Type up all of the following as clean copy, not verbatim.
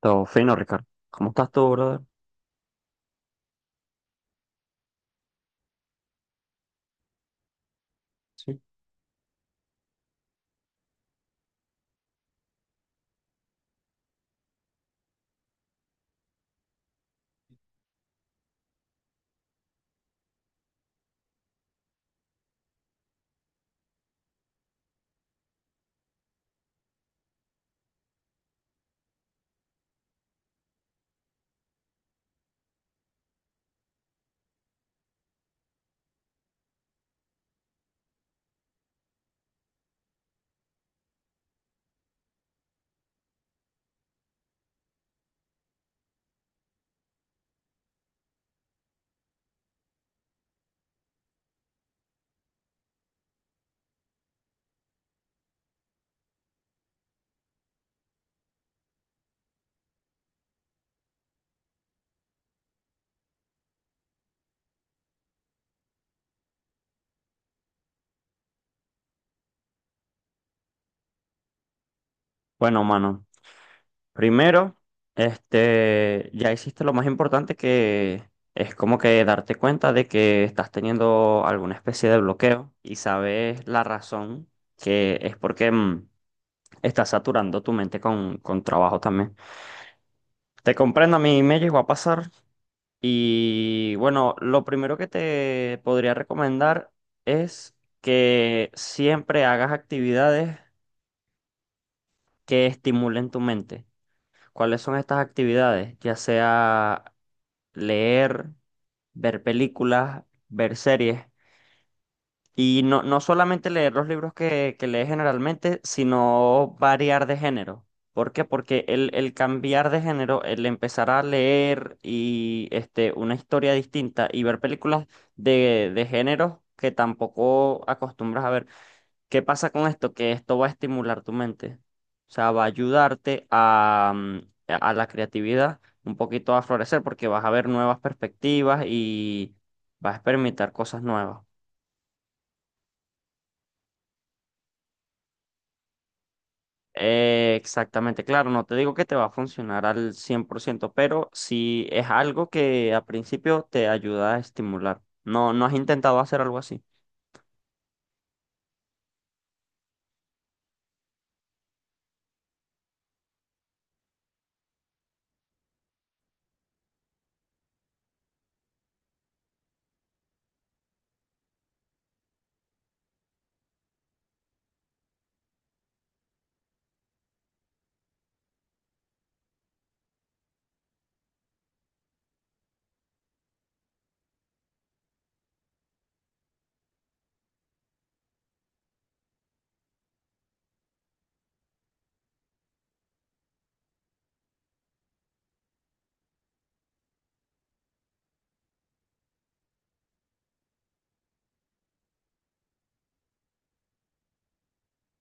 Todo fino, Ricardo. ¿Cómo estás tú, brother? Bueno, mano, primero, ya hiciste lo más importante, que es como que darte cuenta de que estás teniendo alguna especie de bloqueo y sabes la razón, que es porque estás saturando tu mente con trabajo también. Te comprendo, a mí me llegó a pasar, y bueno, lo primero que te podría recomendar es que siempre hagas actividades que estimulen tu mente. ¿Cuáles son estas actividades? Ya sea leer, ver películas, ver series. Y no, no solamente leer los libros que lees generalmente, sino variar de género. ¿Por qué? Porque el cambiar de género, el empezar a leer y una historia distinta y ver películas de géneros que tampoco acostumbras a ver. ¿Qué pasa con esto? Que esto va a estimular tu mente. O sea, va a ayudarte a, a la creatividad, un poquito a florecer, porque vas a ver nuevas perspectivas y vas a experimentar cosas nuevas. Exactamente, claro, no te digo que te va a funcionar al 100%, pero sí es algo que a principio te ayuda a estimular. ¿No, no has intentado hacer algo así?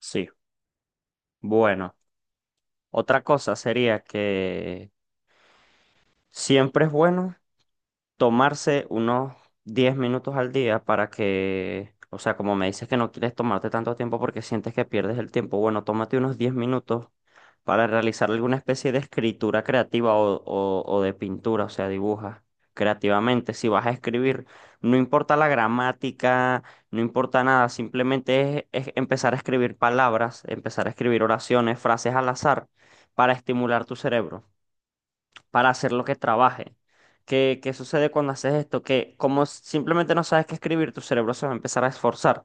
Sí. Bueno, otra cosa sería que siempre es bueno tomarse unos 10 minutos al día para que, o sea, como me dices que no quieres tomarte tanto tiempo porque sientes que pierdes el tiempo, bueno, tómate unos 10 minutos para realizar alguna especie de escritura creativa o de pintura, o sea, dibuja creativamente. Si vas a escribir, no importa la gramática, no importa nada, simplemente es empezar a escribir palabras, empezar a escribir oraciones, frases al azar para estimular tu cerebro, para hacer lo que trabaje. ¿Qué, qué sucede cuando haces esto? Que como simplemente no sabes qué escribir, tu cerebro se va a empezar a esforzar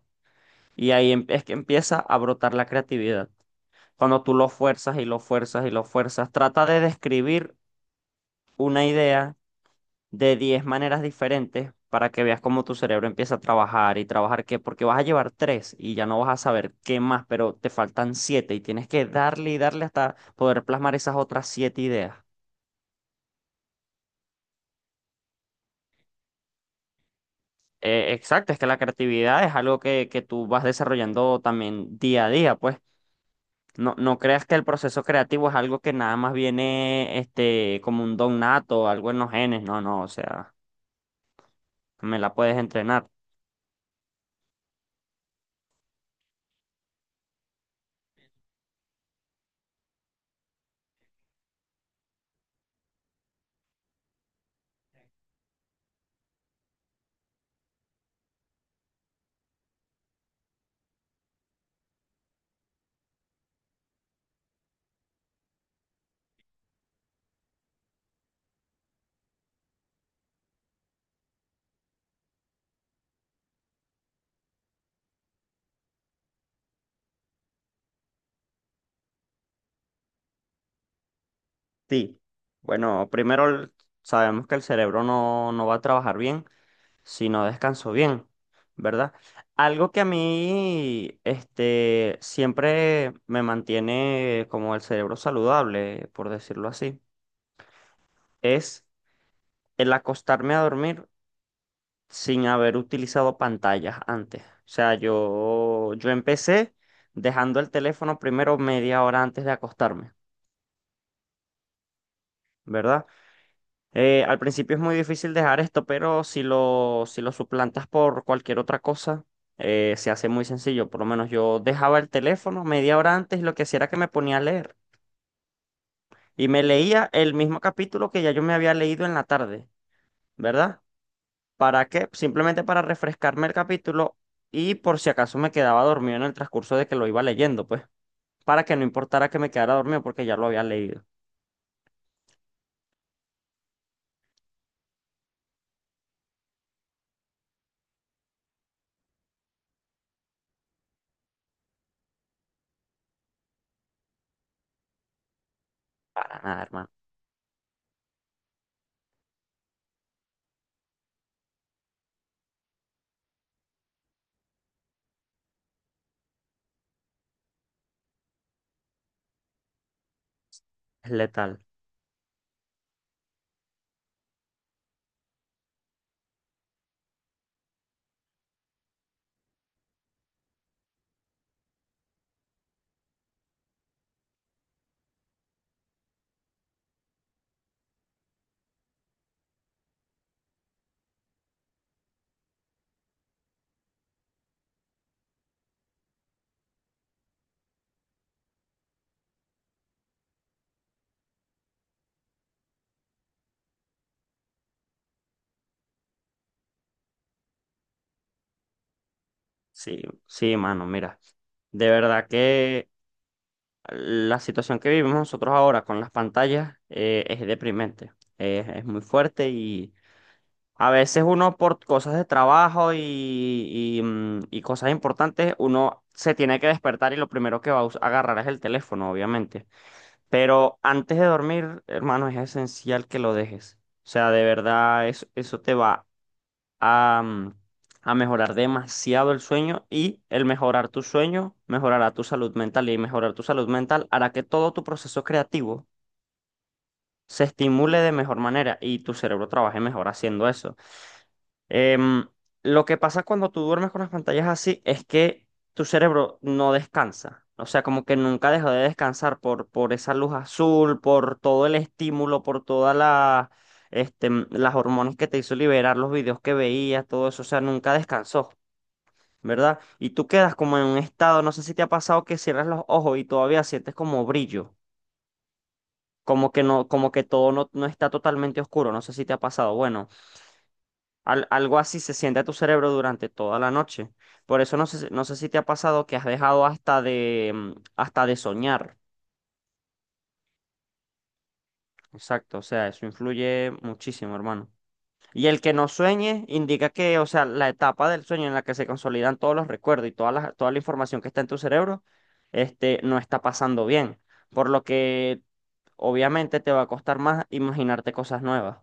y es que empieza a brotar la creatividad. Cuando tú lo fuerzas y lo fuerzas y lo fuerzas, trata de describir una idea de 10 maneras diferentes para que veas cómo tu cerebro empieza a trabajar y trabajar qué, porque vas a llevar tres y ya no vas a saber qué más, pero te faltan siete y tienes que darle y darle hasta poder plasmar esas otras siete ideas. Exacto, es que la creatividad es algo que tú vas desarrollando también día a día, pues. No, no creas que el proceso creativo es algo que nada más viene como un don nato, algo en los genes, no, no, o sea, me la puedes entrenar. Sí. Bueno, primero, sabemos que el cerebro no, no va a trabajar bien si no descanso bien, ¿verdad? Algo que a mí siempre me mantiene como el cerebro saludable, por decirlo así, es el acostarme a dormir sin haber utilizado pantallas antes. O sea, yo empecé dejando el teléfono primero media hora antes de acostarme, ¿verdad? Al principio es muy difícil dejar esto, pero si lo, si lo suplantas por cualquier otra cosa, se hace muy sencillo. Por lo menos yo dejaba el teléfono media hora antes y lo que hacía era que me ponía a leer. Y me leía el mismo capítulo que ya yo me había leído en la tarde, ¿verdad? ¿Para qué? Simplemente para refrescarme el capítulo y por si acaso me quedaba dormido en el transcurso de que lo iba leyendo, pues, para que no importara que me quedara dormido porque ya lo había leído. Para nada, hermano. Es letal. Sí, sí, mano, mira. De verdad que la situación que vivimos nosotros ahora con las pantallas, es deprimente. Es muy fuerte, y a veces uno por cosas de trabajo y, y cosas importantes, uno se tiene que despertar y lo primero que va a agarrar es el teléfono, obviamente. Pero antes de dormir, hermano, es esencial que lo dejes. O sea, de verdad, eso te va a, a mejorar demasiado el sueño, y el mejorar tu sueño mejorará tu salud mental, y mejorar tu salud mental hará que todo tu proceso creativo se estimule de mejor manera y tu cerebro trabaje mejor haciendo eso. Em, lo que pasa cuando tú duermes con las pantallas así es que tu cerebro no descansa. O sea, como que nunca deja de descansar por esa luz azul, por todo el estímulo, por todas la, las hormonas que te hizo liberar, los videos que veías, todo eso. O sea, nunca descansó, ¿verdad? Y tú quedas como en un estado, no sé si te ha pasado que cierras los ojos y todavía sientes como brillo, como que no, como que todo no, no está totalmente oscuro, no sé si te ha pasado. Bueno, algo así se siente a tu cerebro durante toda la noche. Por eso no sé, no sé si te ha pasado que has dejado hasta de, hasta de soñar. Exacto, o sea, eso influye muchísimo, hermano. Y el que no sueñe indica que, o sea, la etapa del sueño en la que se consolidan todos los recuerdos y toda la información que está en tu cerebro, no está pasando bien. Por lo que obviamente te va a costar más imaginarte cosas nuevas.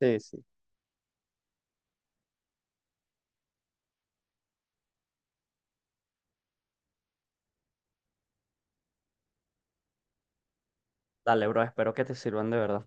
Sí, sí. Dale, bro, espero que te sirvan de verdad.